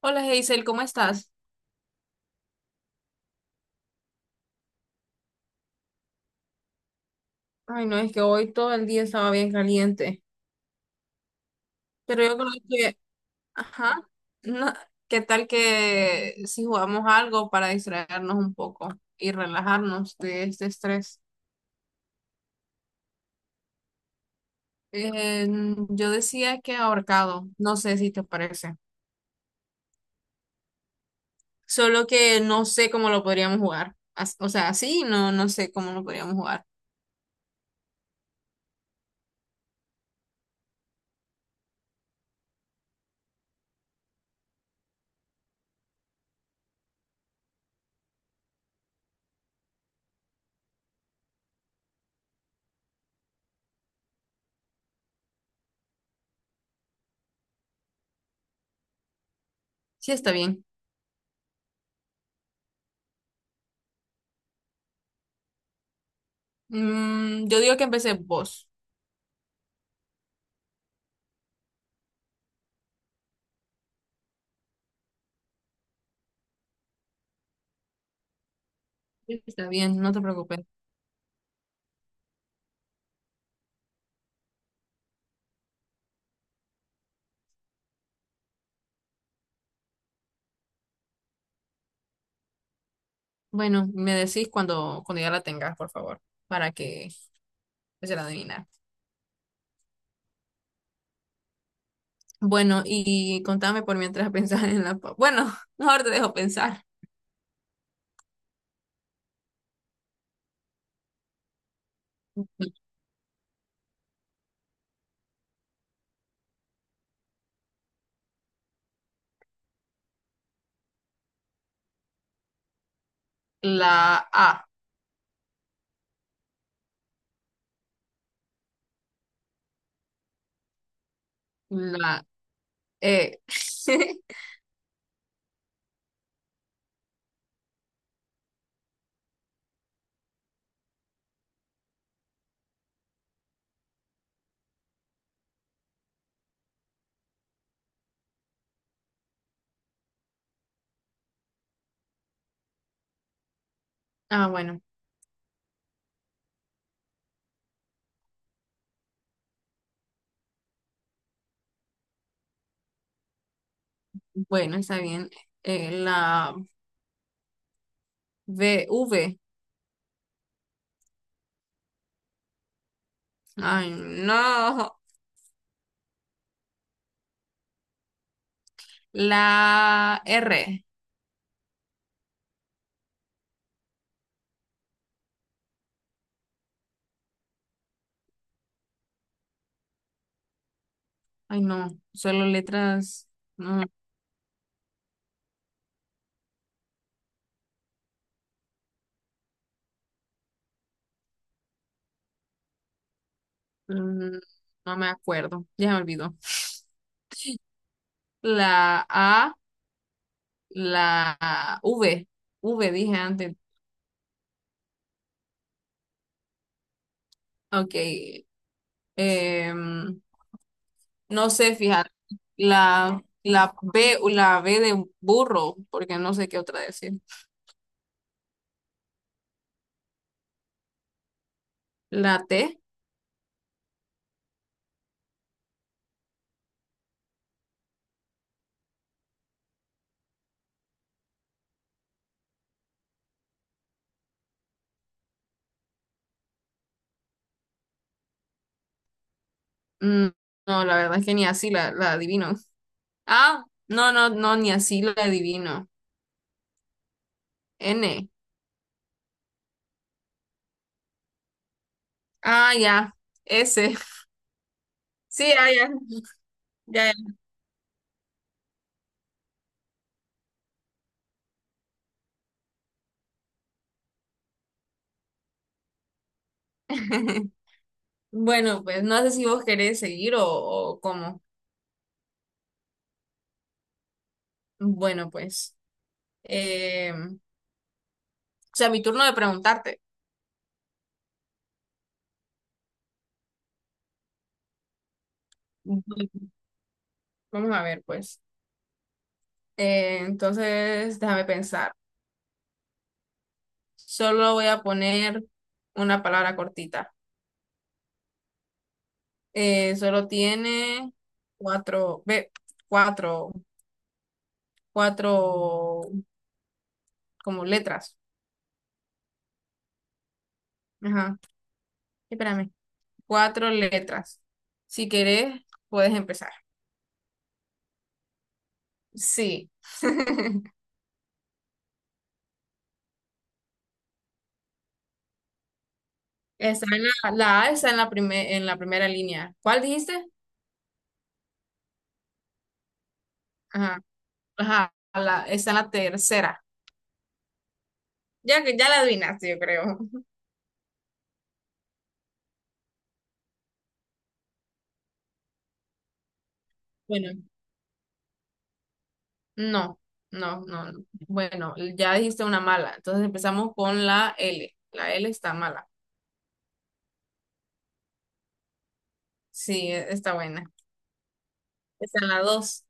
Hola Hazel, ¿cómo estás? Ay, no, es que hoy todo el día estaba bien caliente, pero yo creo que, ajá, no, ¿qué tal que si jugamos algo para distraernos un poco y relajarnos de este estrés? Eh, yo decía que ahorcado, no sé si te parece, solo que no sé cómo lo podríamos jugar, o sea, así no, no sé cómo lo podríamos jugar. Sí, está bien. Yo digo que empecé vos. Sí, está bien, no te preocupes. Bueno, me decís cuando ya la tengas, por favor, para que se la adivinar. Bueno, y contame por mientras pensás en Bueno, mejor te dejo pensar. La A, la E. Ah, bueno, bueno, está bien. La B, V. Ay, no. La R. Ay, no. Solo letras. No, mm, no me acuerdo. Ya me olvidó. La A. La V, V dije antes. Ok. em, no sé, fíjate. La B, la B de burro, porque no sé qué otra decir. La T, mm, no, la verdad es que ni así la adivino. Ah, no, no, no, ni así la adivino. N. Ah, ya. S. Sí, ah, ya. Ya, ya. Bueno, pues no sé si vos querés seguir o cómo. Bueno, pues. O sea, mi turno de preguntarte. Bueno, vamos a ver, pues. Entonces, déjame pensar. Solo voy a poner una palabra cortita. Solo tiene cuatro, ve, cuatro, cuatro como letras. Ajá, espérame. Cuatro letras. Si querés, puedes empezar. Sí. Está en la A está en la primera línea. ¿Cuál dijiste? Ajá, ajá, está en la tercera. Ya que ya la adivinaste, yo creo. Bueno, no, no, no, no. Bueno, ya dijiste una mala. Entonces empezamos con la L. La L está mala. Sí, está buena. Está en la dos.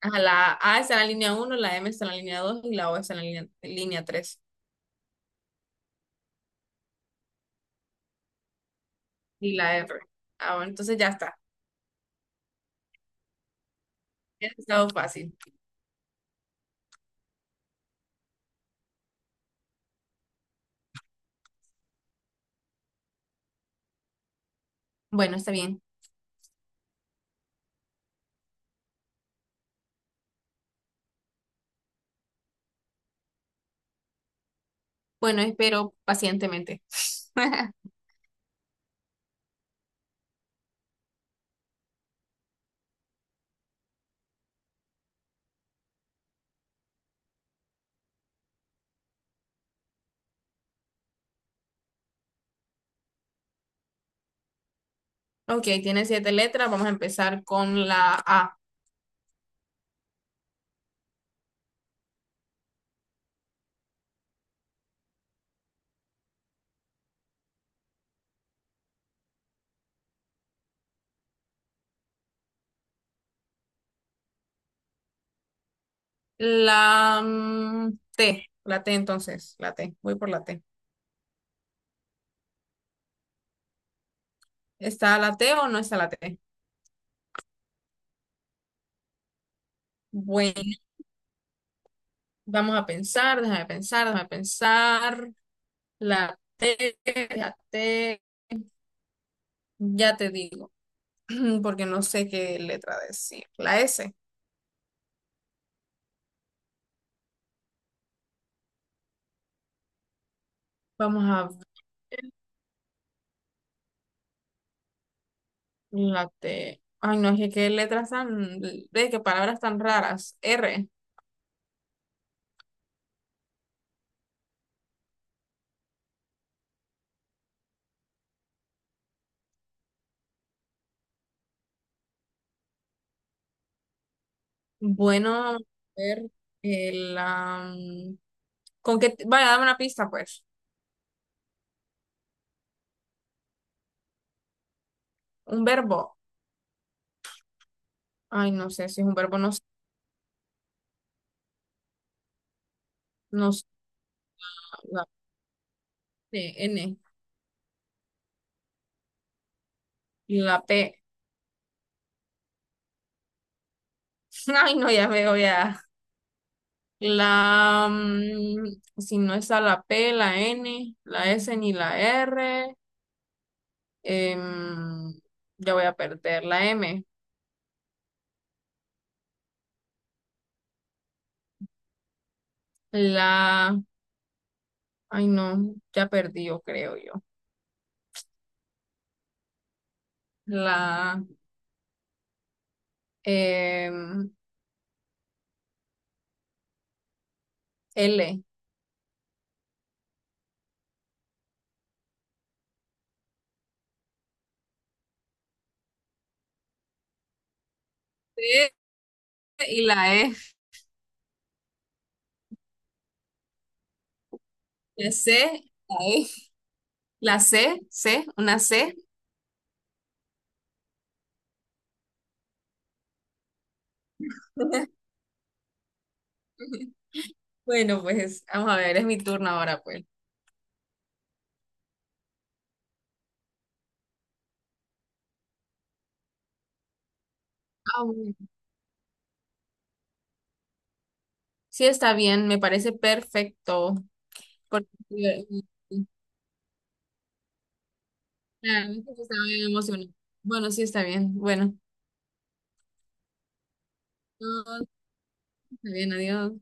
Ajá, la A está en la línea uno, la M está en la línea 2 y la O está en la línea tres. Y la R. Ah, bueno, entonces ya está. Ya ha estado fácil. Bueno, está bien. Bueno, espero pacientemente. Ok, tiene siete letras. Vamos a empezar con la A. T. La T entonces. La T. Voy por la T. ¿Está la T o no está la T? Bueno, vamos a pensar, déjame pensar, déjame pensar. La T, la T, ya te digo, porque no sé qué letra decir. La S, vamos a ver, la T. Ay, no, es que qué letras tan, ve, qué palabras tan raras. R, bueno, a ver, el, am, ¿con qué? Vaya, dame una pista, pues. ¿Un verbo? Ay, no sé si es un verbo, no, sé, no, sé. La T, N, la P. Ay, no, ya veo, ya. La, si no está la P, la N, la S ni la R, em, ya voy a perder la M. La, ay, no, ya perdí, yo creo yo. La em, L. C y la E. La C, la E. La C, C, una C. Bueno, pues vamos a ver, es mi turno ahora, pues. Ah, bueno. Sí, está bien, me parece perfecto. Porque, claro, es que yo estaba bien emocionada. Bueno, sí, está bien. Bueno, no, no, está bien, adiós.